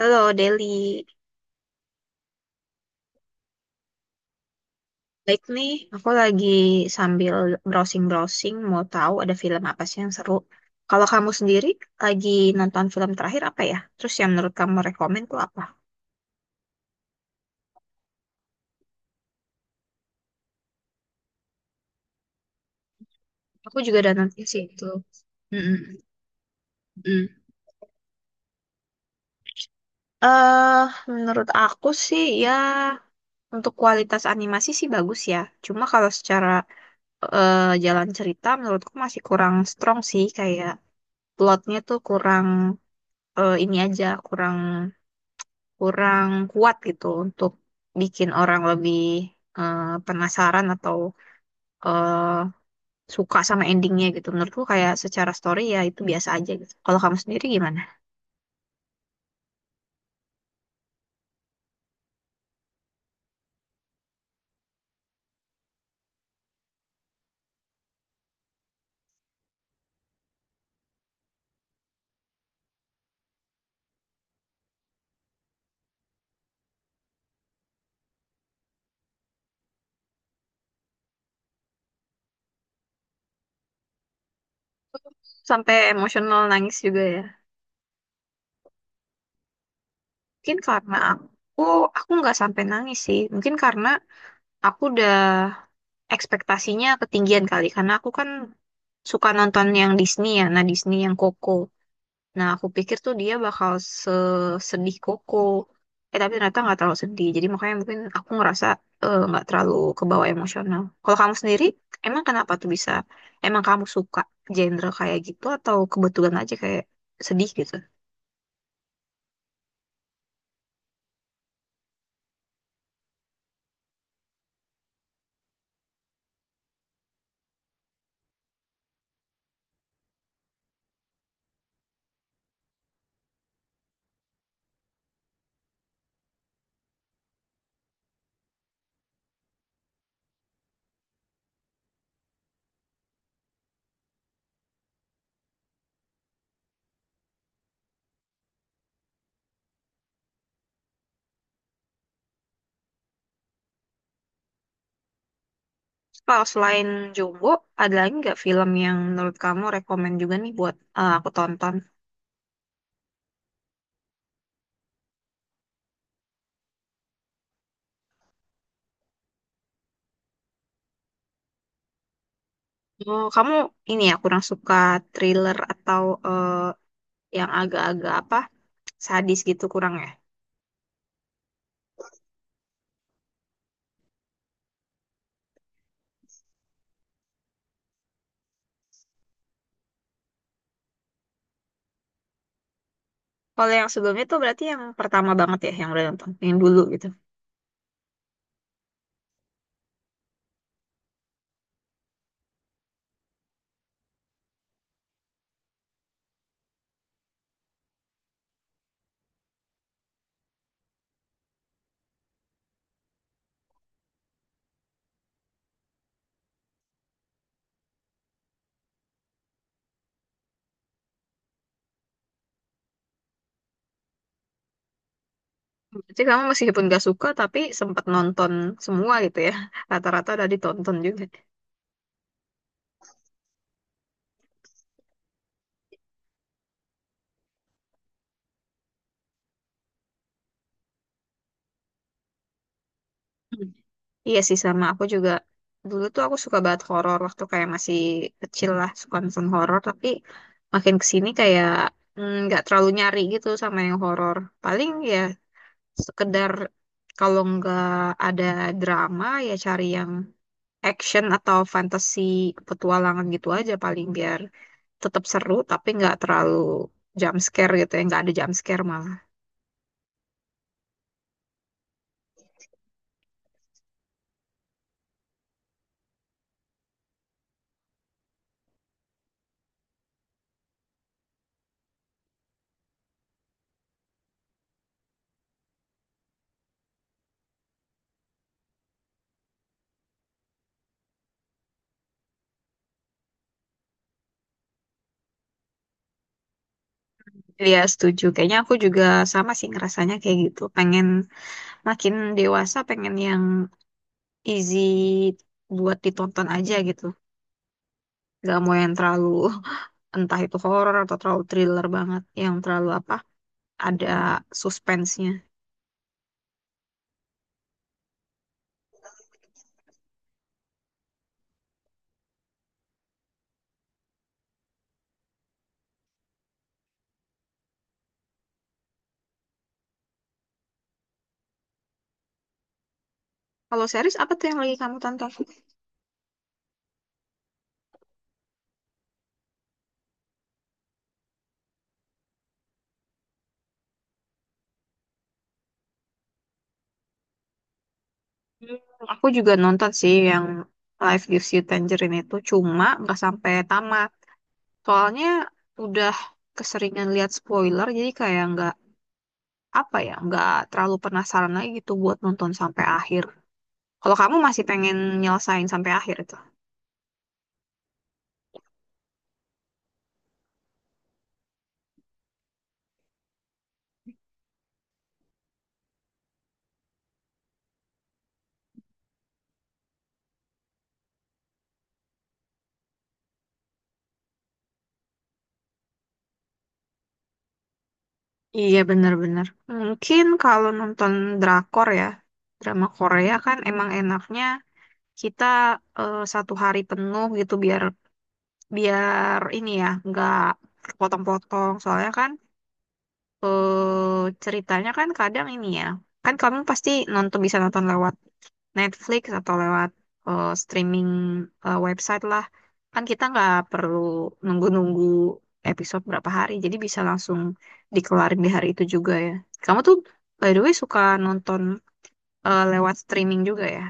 Halo Deli, baik nih. Aku lagi sambil browsing-browsing mau tahu ada film apa sih yang seru. Kalau kamu sendiri lagi nonton film terakhir apa ya? Terus yang menurut kamu rekomen tuh apa? Aku juga udah nonton sih itu. Mm-mm, mm. Eh, menurut aku sih ya untuk kualitas animasi sih bagus ya. Cuma kalau secara jalan cerita menurutku masih kurang strong sih, kayak plotnya tuh kurang, ini aja kurang kurang kuat gitu untuk bikin orang lebih penasaran atau eh, suka sama endingnya gitu. Menurutku kayak secara story ya itu biasa aja gitu. Kalau kamu sendiri gimana? Sampai emosional nangis juga ya? Mungkin karena aku nggak sampai nangis sih. Mungkin karena aku udah ekspektasinya ketinggian kali. Karena aku kan suka nonton yang Disney ya. Nah, Disney yang Coco. Nah, aku pikir tuh dia bakal sedih Koko. Eh, tapi ternyata nggak terlalu sedih. Jadi makanya mungkin aku ngerasa nggak terlalu kebawa emosional. Kalau kamu sendiri, emang kenapa tuh bisa? Emang kamu suka genre kayak gitu atau kebetulan aja kayak sedih gitu? Kalau selain Jumbo, ada lagi nggak film yang menurut kamu rekomen juga nih buat aku tonton? Oh, kamu ini ya kurang suka thriller atau yang agak-agak apa sadis gitu kurang ya? Kalau yang sebelumnya tuh berarti yang pertama banget ya yang udah nonton, yang dulu gitu. Berarti kamu meskipun gak suka tapi sempat nonton semua gitu ya. Rata-rata udah ditonton juga. Hmm. Iya sih, sama aku juga. Dulu tuh aku suka banget horor waktu kayak masih kecil lah, suka nonton horor, tapi makin kesini kayak nggak terlalu nyari gitu sama yang horor. Paling ya sekedar kalau nggak ada drama ya cari yang action atau fantasi petualangan gitu aja paling biar tetap seru tapi nggak terlalu jump scare gitu ya, nggak ada jump scare malah. Iya setuju, kayaknya aku juga sama sih ngerasanya kayak gitu, pengen makin dewasa pengen yang easy buat ditonton aja gitu. Gak mau yang terlalu entah itu horror atau terlalu thriller banget, yang terlalu apa, ada suspense-nya. Kalau series apa tuh yang lagi kamu tonton? Aku juga nonton sih yang Life Gives You Tangerine itu, cuma nggak sampai tamat. Soalnya udah keseringan lihat spoiler, jadi kayak nggak apa ya, nggak terlalu penasaran lagi gitu buat nonton sampai akhir. Kalau kamu masih pengen nyelesain sampai akhir itu. Iya bener-bener. Mungkin kalau nonton drakor ya, drama Korea kan emang enaknya kita satu hari penuh gitu biar biar ini ya, nggak potong-potong. Soalnya kan ceritanya kan kadang ini ya, kan kamu pasti nonton bisa nonton lewat Netflix atau lewat streaming, website lah. Kan kita nggak perlu nunggu-nunggu episode berapa hari, jadi bisa langsung dikelarin di hari itu juga ya. Kamu tuh by the way suka nonton lewat streaming juga ya?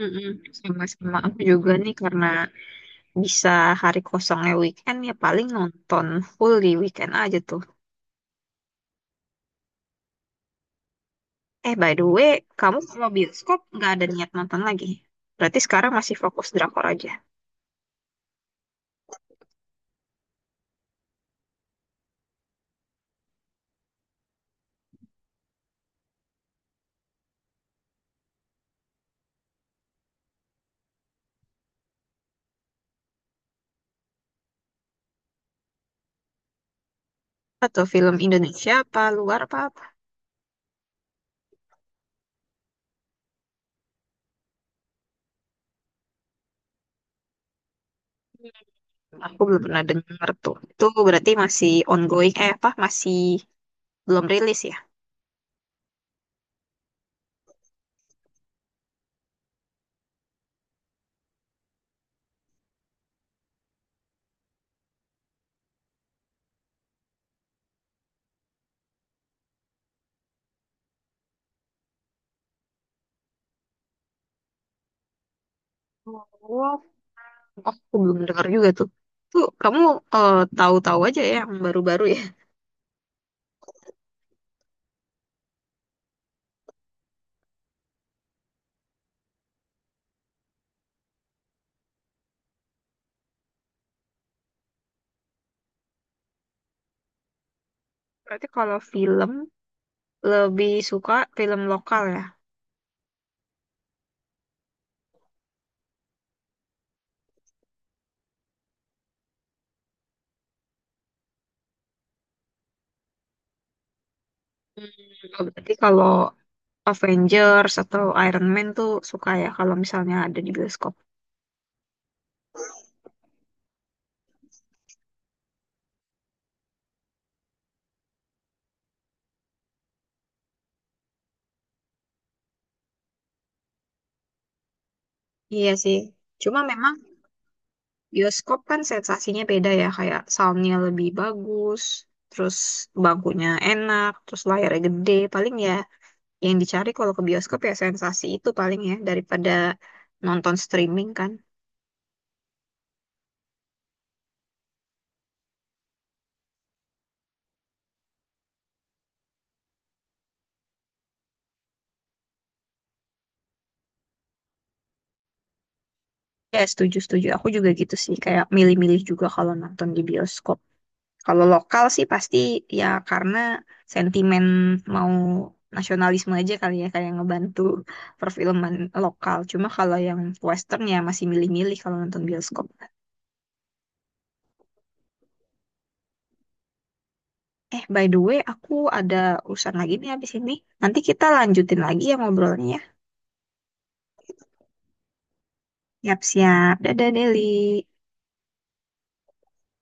Mm-mm. Sama, sama aku juga nih karena bisa hari kosongnya weekend ya paling nonton full di weekend aja tuh. Eh, by the way, kamu kalau bioskop nggak ada niat nonton lagi. Berarti sekarang masih fokus drakor aja. Atau film Indonesia apa luar apa apa? Aku belum pernah denger tuh. Itu berarti masih ongoing, eh apa, masih belum rilis ya? Oh, aku belum dengar juga tuh. Tuh, kamu eh, tahu-tahu aja ya yang baru-baru ya. Berarti kalau film lebih suka film lokal ya. Hmm, berarti kalau Avengers atau Iron Man tuh suka ya kalau misalnya ada di bioskop. Iya sih, cuma memang bioskop kan sensasinya beda ya, kayak soundnya lebih bagus, terus bangkunya enak, terus layarnya gede, paling ya yang dicari kalau ke bioskop ya sensasi itu paling ya, daripada nonton streaming kan. Ya setuju-setuju, aku juga gitu sih, kayak milih-milih juga kalau nonton di bioskop. Kalau lokal sih pasti ya karena sentimen mau nasionalisme aja kali ya kayak ngebantu perfilman lokal. Cuma kalau yang western ya masih milih-milih kalau nonton bioskop. Eh, by the way, aku ada urusan lagi nih habis ini. Nanti kita lanjutin lagi ya ngobrolnya. Ya. Siap-siap. Dadah, Deli.